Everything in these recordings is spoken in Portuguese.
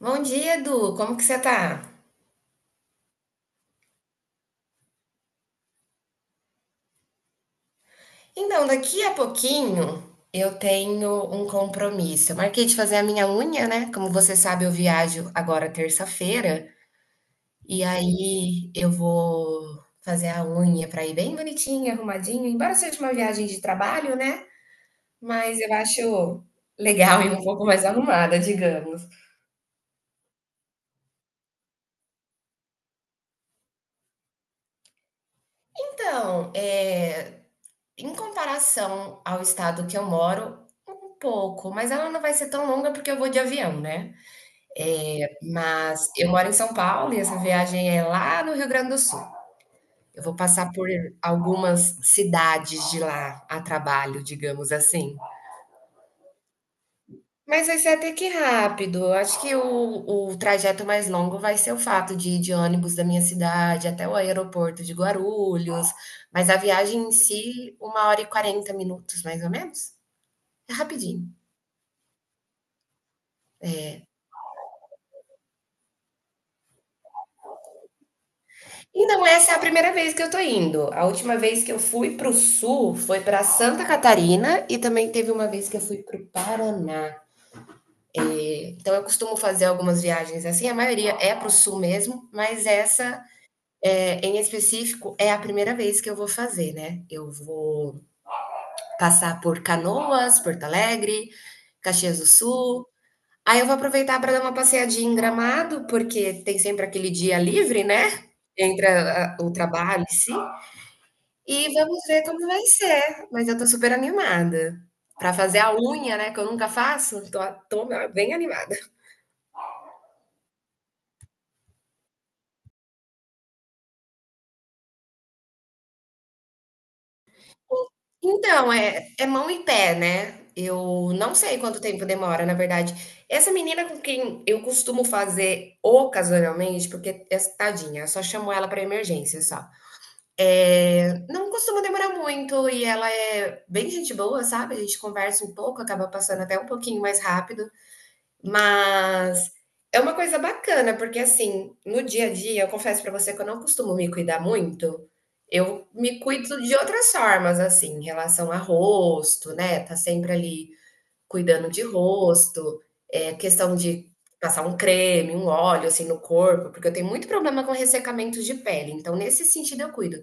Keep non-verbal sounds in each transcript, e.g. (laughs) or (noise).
Bom dia, Edu. Como que você tá? Então, daqui a pouquinho eu tenho um compromisso. Eu marquei de fazer a minha unha, né? Como você sabe, eu viajo agora terça-feira e aí eu vou fazer a unha para ir bem bonitinha, arrumadinha, embora seja uma viagem de trabalho, né? Mas eu acho legal e um pouco mais arrumada, digamos. Então, é, em comparação ao estado que eu moro, um pouco, mas ela não vai ser tão longa porque eu vou de avião, né? Mas eu moro em São Paulo e essa viagem é lá no Rio Grande do Sul. Eu vou passar por algumas cidades de lá a trabalho, digamos assim. Mas vai ser até que rápido. Eu acho que o trajeto mais longo vai ser o fato de ir de ônibus da minha cidade até o aeroporto de Guarulhos. Mas a viagem em si, uma hora e 40 minutos, mais ou menos. É rapidinho. E não, essa é a primeira vez que eu tô indo. A última vez que eu fui para o sul foi para Santa Catarina e também teve uma vez que eu fui para o Paraná. Então eu costumo fazer algumas viagens assim, a maioria é para o sul mesmo, mas essa em específico é a primeira vez que eu vou fazer, né? Eu vou passar por Canoas, Porto Alegre, Caxias do Sul. Aí eu vou aproveitar para dar uma passeadinha em Gramado, porque tem sempre aquele dia livre, né? Entre o trabalho, sim. E vamos ver como vai ser, mas eu tô super animada. Pra fazer a unha, né, que eu nunca faço, tô bem animada. Então, é mão e pé, né, eu não sei quanto tempo demora, na verdade. Essa menina com quem eu costumo fazer ocasionalmente, porque é tadinha, eu só chamo ela pra emergência só. Não costuma demorar muito e ela é bem gente boa, sabe, a gente conversa um pouco, acaba passando até um pouquinho mais rápido. Mas é uma coisa bacana, porque assim, no dia a dia, eu confesso pra você que eu não costumo me cuidar muito, eu me cuido de outras formas, assim, em relação a rosto, né, tá sempre ali cuidando de rosto, questão de passar um creme, um óleo, assim, no corpo, porque eu tenho muito problema com ressecamento de pele, então nesse sentido eu cuido.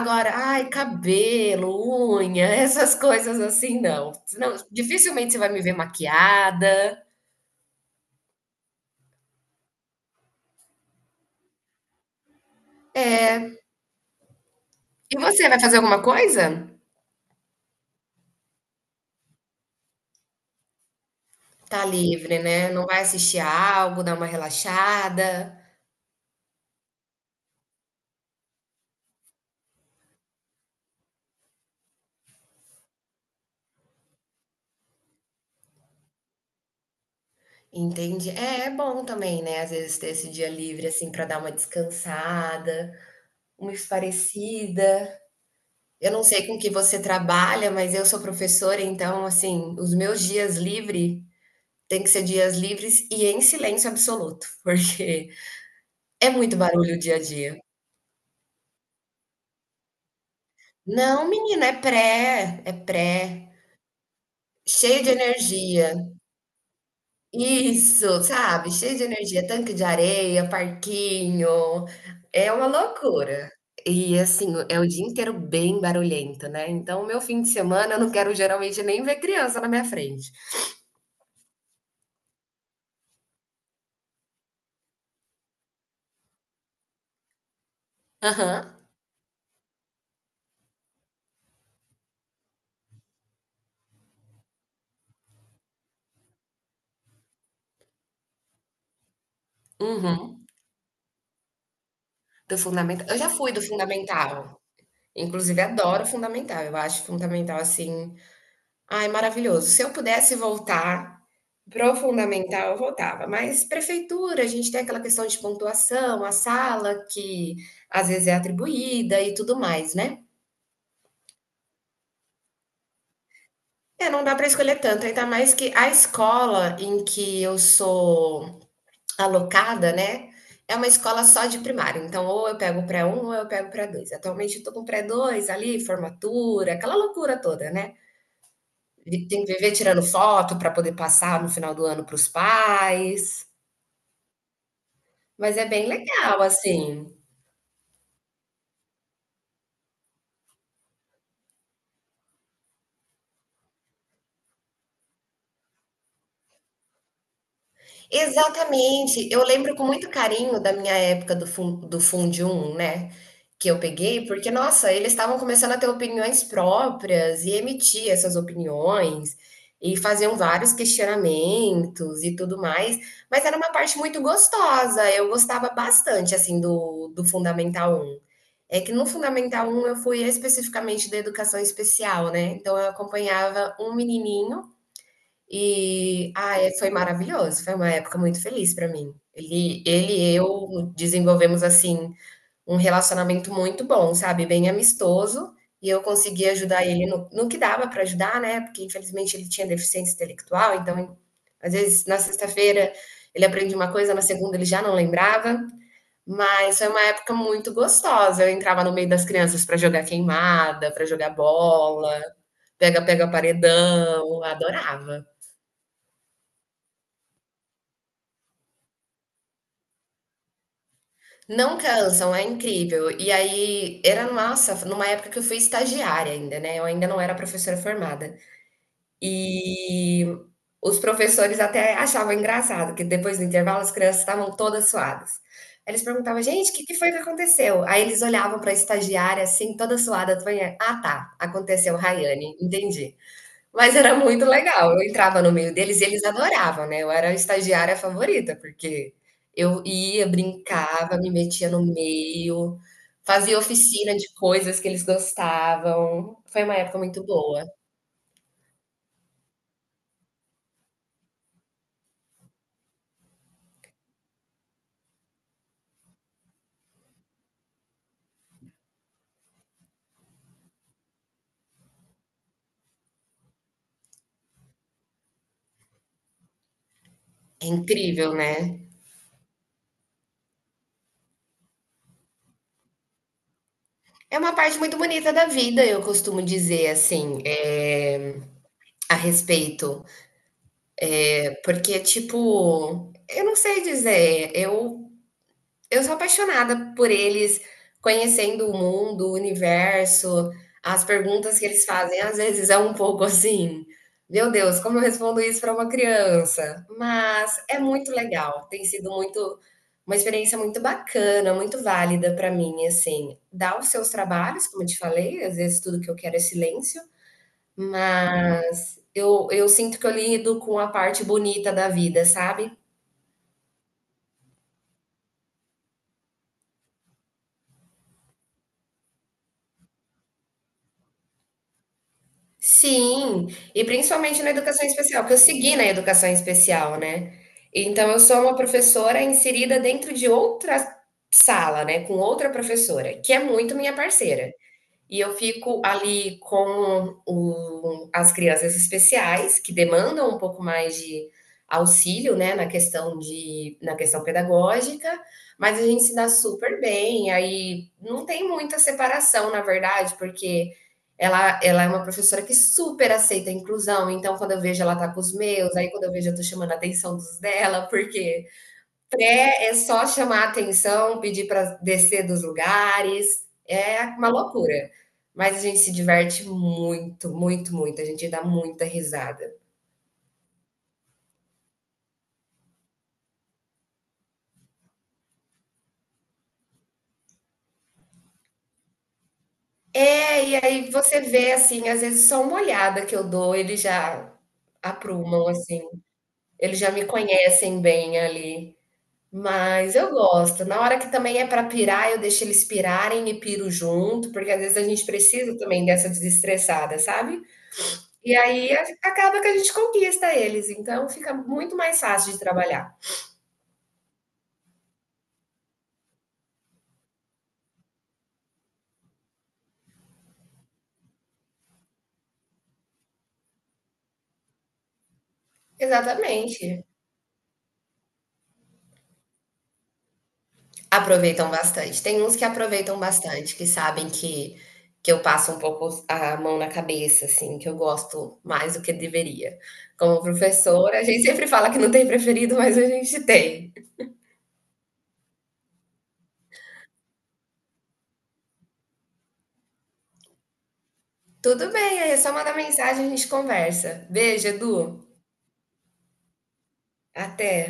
Agora, ai, cabelo, unha, (laughs) essas coisas assim, não. Senão dificilmente você vai me ver maquiada. E você, vai fazer alguma coisa? Tá livre, né, não vai assistir algo, dar uma relaxada, entende? É, é bom também, né, às vezes ter esse dia livre, assim, pra dar uma descansada, uma espairecida. Eu não sei com que você trabalha, mas eu sou professora, então, assim, os meus dias livre tem que ser dias livres e em silêncio absoluto, (laughs) porque é muito barulho o dia a dia. Não menina, é pré, é pré. Cheio de energia. Isso, sabe, cheio de energia, tanque de areia, parquinho, é uma loucura. E assim, é o dia inteiro bem barulhento, né, então o meu fim de semana eu não quero geralmente nem ver criança na minha frente. Aham, uhum, do fundamental eu já fui do fundamental, inclusive adoro o fundamental, eu acho fundamental, assim. Ai, maravilhoso. Se eu pudesse voltar pro fundamental, eu voltava, mas prefeitura, a gente tem aquela questão de pontuação, a sala que às vezes é atribuída e tudo mais, né. É, não dá para escolher tanto, ainda mais que a escola em que eu sou alocada, né, é uma escola só de primário, então ou eu pego o pré um ou eu pego o pré dois. Atualmente eu tô com o pré dois ali, formatura, aquela loucura toda, né. Vi tem que viver tirando foto para poder passar no final do ano para os pais. Mas é bem legal, assim. Exatamente. Eu lembro com muito carinho da minha época do Fundium, né, que eu peguei, porque, nossa, eles estavam começando a ter opiniões próprias e emitir essas opiniões, e faziam vários questionamentos e tudo mais, mas era uma parte muito gostosa, eu gostava bastante, assim, do Fundamental Um. É que no Fundamental Um eu fui especificamente da educação especial, né, então eu acompanhava um menininho. E, ah, foi maravilhoso, foi uma época muito feliz para mim. Ele e eu desenvolvemos, assim, um relacionamento muito bom, sabe, bem amistoso, e eu consegui ajudar ele no que dava para ajudar, né, porque infelizmente ele tinha deficiência intelectual, então, às vezes, na sexta-feira ele aprende uma coisa, na segunda ele já não lembrava, mas foi uma época muito gostosa. Eu entrava no meio das crianças para jogar queimada, para jogar bola, pega-pega paredão, adorava. Não cansam, é incrível. E aí, era nossa, numa época que eu fui estagiária ainda, né, eu ainda não era professora formada. E os professores até achavam engraçado, que depois do intervalo as crianças estavam todas suadas. Aí eles perguntavam: "Gente, o que que foi que aconteceu?" Aí eles olhavam para a estagiária, assim, toda suada. "Ah, tá, aconteceu Raiane, entendi." Mas era muito legal, eu entrava no meio deles e eles adoravam, né, eu era a estagiária favorita, porque eu ia, brincava, me metia no meio, fazia oficina de coisas que eles gostavam, foi uma época muito boa. É incrível, né. É uma parte muito bonita da vida, eu costumo dizer, assim, eh, a respeito, porque, tipo, eu não sei dizer, eu. Eu sou apaixonada por eles conhecendo o mundo, o universo, as perguntas que eles fazem, às vezes é um pouco assim: "Meu Deus, como eu respondo isso para uma criança?". Mas é muito legal, tem sido muito uma experiência muito bacana, muito válida para mim, assim. Dá os seus trabalhos, como eu te falei, às vezes tudo que eu quero é silêncio, mas eu sinto que eu lido com a parte bonita da vida, sabe? Sim, e principalmente na educação especial, porque eu segui na educação especial, né. Então eu sou uma professora inserida dentro de outra sala, né, com outra professora, que é muito minha parceira. E eu fico ali com o- as crianças especiais, que demandam um pouco mais de auxílio, né, na questão de, na questão pedagógica, mas a gente se dá super bem, aí não tem muita separação, na verdade, porque ela é uma professora que super aceita a inclusão, então quando eu vejo ela tá com os meus, aí quando eu vejo eu tô chamando a atenção dos dela, porque é só chamar a atenção, pedir para descer dos lugares, é uma loucura. Mas a gente se diverte muito, muito, muito, a gente dá muita risada. É, e aí você vê assim, às vezes só uma olhada que eu dou, eles já aprumam assim, eles já me conhecem bem ali. Mas eu gosto. Na hora que também é para pirar, eu deixo eles pirarem e piro junto, porque às vezes a gente precisa também dessa desestressada, sabe? E aí a acaba que a gente conquista eles, então fica muito mais fácil de trabalhar. Exatamente. Aproveitam bastante. Tem uns que aproveitam bastante, que sabem que eu passo um pouco a mão na cabeça, assim, que eu gosto mais do que deveria. Como professora, a gente sempre fala que não tem preferido, mas a gente tem. Tudo bem, aí é só mandar mensagem, e a gente conversa. Beijo, Edu. Até.